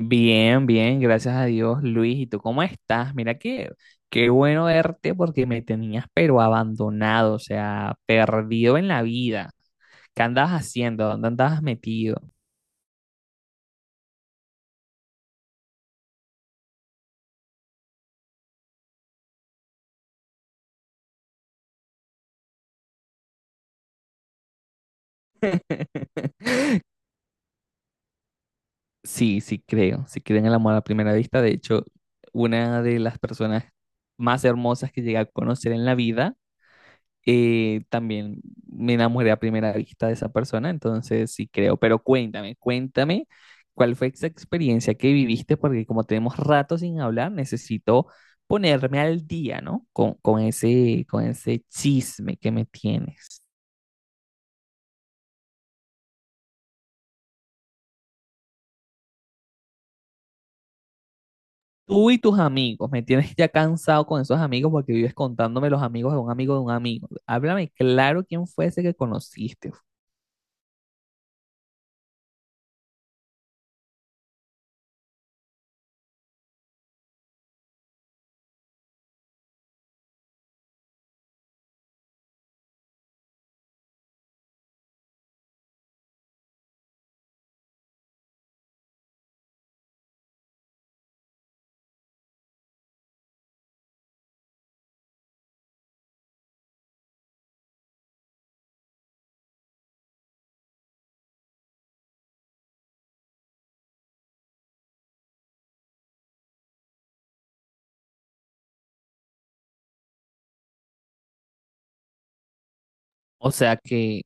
Bien, bien, gracias a Dios, Luis. ¿Y tú cómo estás? Mira que qué bueno verte porque me tenías pero abandonado, o sea, perdido en la vida. ¿Qué andabas haciendo? ¿Dónde andabas metido? Sí, creo en el amor a primera vista. De hecho, una de las personas más hermosas que llegué a conocer en la vida, también me enamoré a primera vista de esa persona, entonces sí creo, pero cuéntame cuál fue esa experiencia que viviste, porque como tenemos rato sin hablar, necesito ponerme al día, ¿no? Con ese, con ese chisme que me tienes. Tú y tus amigos, me tienes ya cansado con esos amigos porque vives contándome los amigos de un amigo de un amigo. Háblame claro quién fue ese que conociste. O sea que,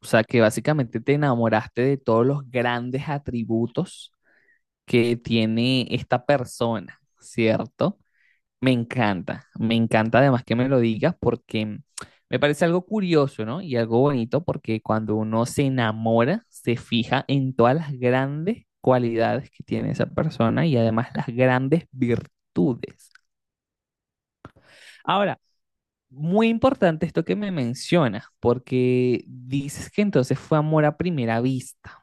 o sea que básicamente te enamoraste de todos los grandes atributos que tiene esta persona, ¿cierto? Me encanta además que me lo digas porque me parece algo curioso, ¿no? Y algo bonito porque cuando uno se enamora, se fija en todas las grandes cualidades que tiene esa persona y además las grandes virtudes. Ahora, muy importante esto que me mencionas, porque dices que entonces fue amor a primera vista.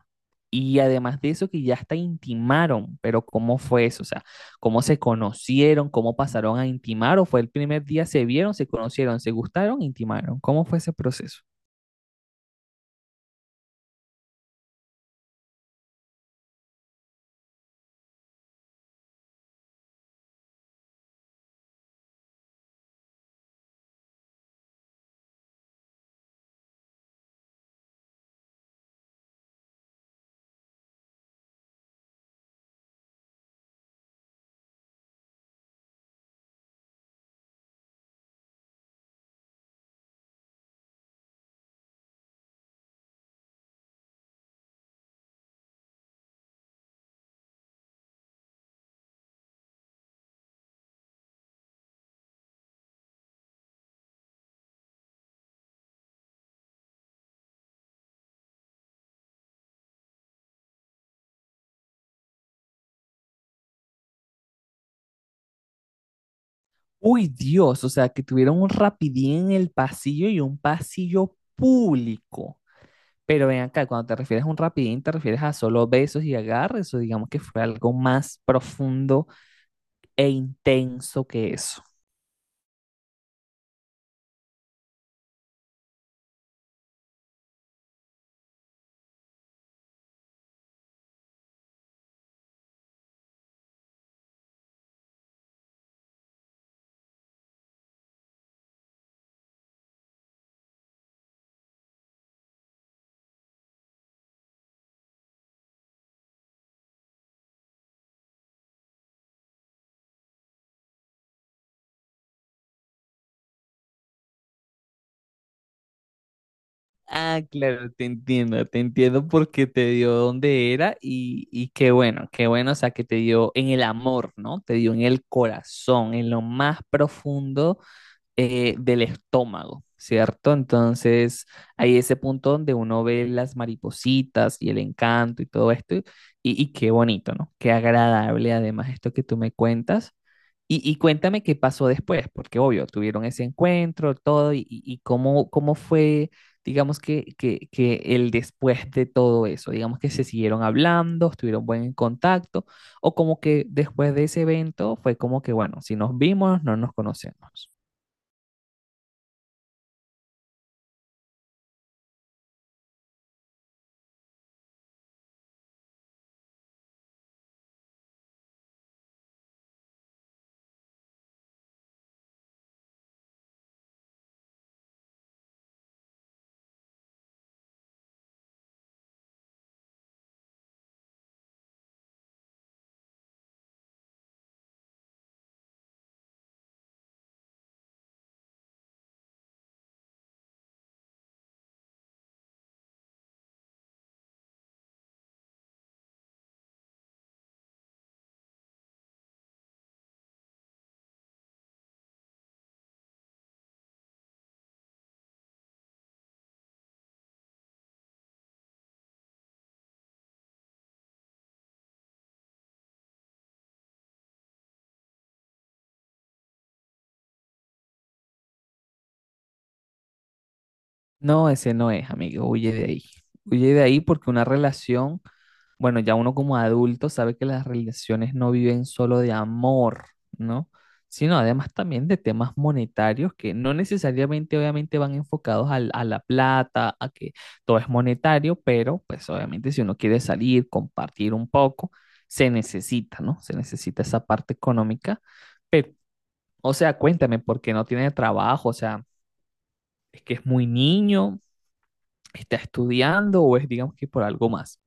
Y además de eso, que ya hasta intimaron, pero ¿cómo fue eso? O sea, ¿cómo se conocieron? ¿Cómo pasaron a intimar? ¿O fue el primer día, se vieron, se conocieron, se gustaron, intimaron? ¿Cómo fue ese proceso? Uy, Dios, o sea, que tuvieron un rapidín en el pasillo y un pasillo público. Pero ven acá, cuando te refieres a un rapidín, te refieres a solo besos y agarres, o digamos que fue algo más profundo e intenso que eso. Ah, claro, te entiendo porque te dio donde era y qué bueno, o sea, que te dio en el amor, ¿no? Te dio en el corazón, en lo más profundo, del estómago, ¿cierto? Entonces, hay ese punto donde uno ve las maripositas y el encanto y todo esto, y qué bonito, ¿no? Qué agradable además esto que tú me cuentas. Y cuéntame qué pasó después, porque obvio, tuvieron ese encuentro, todo, y, y cómo, cómo fue, digamos que el después de todo eso, digamos que se siguieron hablando, estuvieron buen en contacto, o como que después de ese evento fue como que, bueno, si nos vimos, no nos conocemos. No, ese no es, amigo, huye de ahí. Huye de ahí porque una relación. Bueno, ya uno como adulto sabe que las relaciones no viven solo de amor, ¿no? Sino además también de temas monetarios que no necesariamente obviamente van enfocados a la plata, a que todo es monetario, pero pues obviamente si uno quiere salir, compartir un poco, se necesita, ¿no? Se necesita esa parte económica. Pero, o sea, cuéntame, ¿por qué no tiene trabajo? O sea, ¿es que es muy niño, está estudiando o es digamos que por algo más?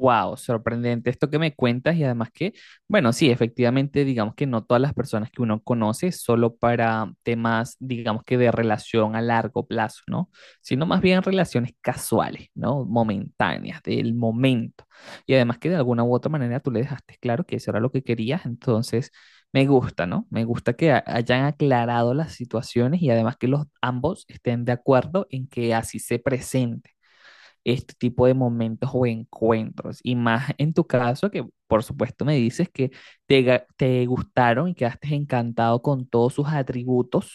Wow, sorprendente esto que me cuentas y además que, bueno, sí, efectivamente, digamos que no todas las personas que uno conoce solo para temas, digamos que de relación a largo plazo, ¿no? Sino más bien relaciones casuales, ¿no? Momentáneas, del momento. Y además que de alguna u otra manera tú le dejaste claro que eso era lo que querías, entonces me gusta, ¿no? Me gusta que hayan aclarado las situaciones y además que los ambos estén de acuerdo en que así se presente este tipo de momentos o encuentros. Y más en tu caso, que por supuesto me dices que te gustaron y quedaste encantado con todos sus atributos,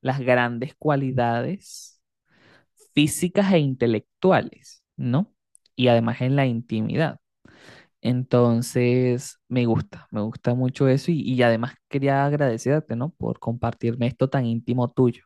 las grandes cualidades físicas e intelectuales, ¿no? Y además en la intimidad. Entonces, me gusta mucho eso y además quería agradecerte, ¿no? Por compartirme esto tan íntimo tuyo.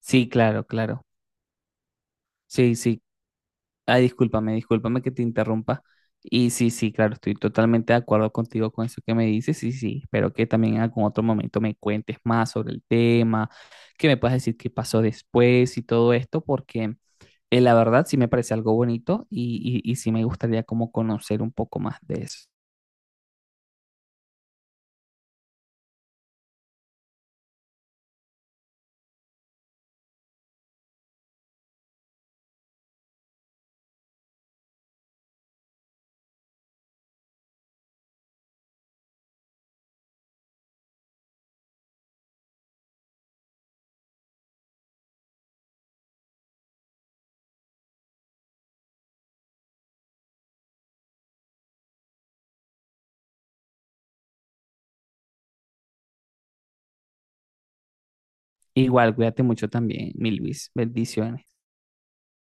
Sí, claro, claro. Sí, sí, ay, discúlpame, discúlpame que te interrumpa. Y sí, sí, claro, estoy totalmente de acuerdo contigo con eso que me dices. Y sí, espero que también en algún otro momento me cuentes más sobre el tema, que me puedas decir qué pasó después y todo esto, porque la verdad sí me parece algo bonito y sí me gustaría como conocer un poco más de eso. Igual, cuídate mucho también, mi Luis. Bendiciones.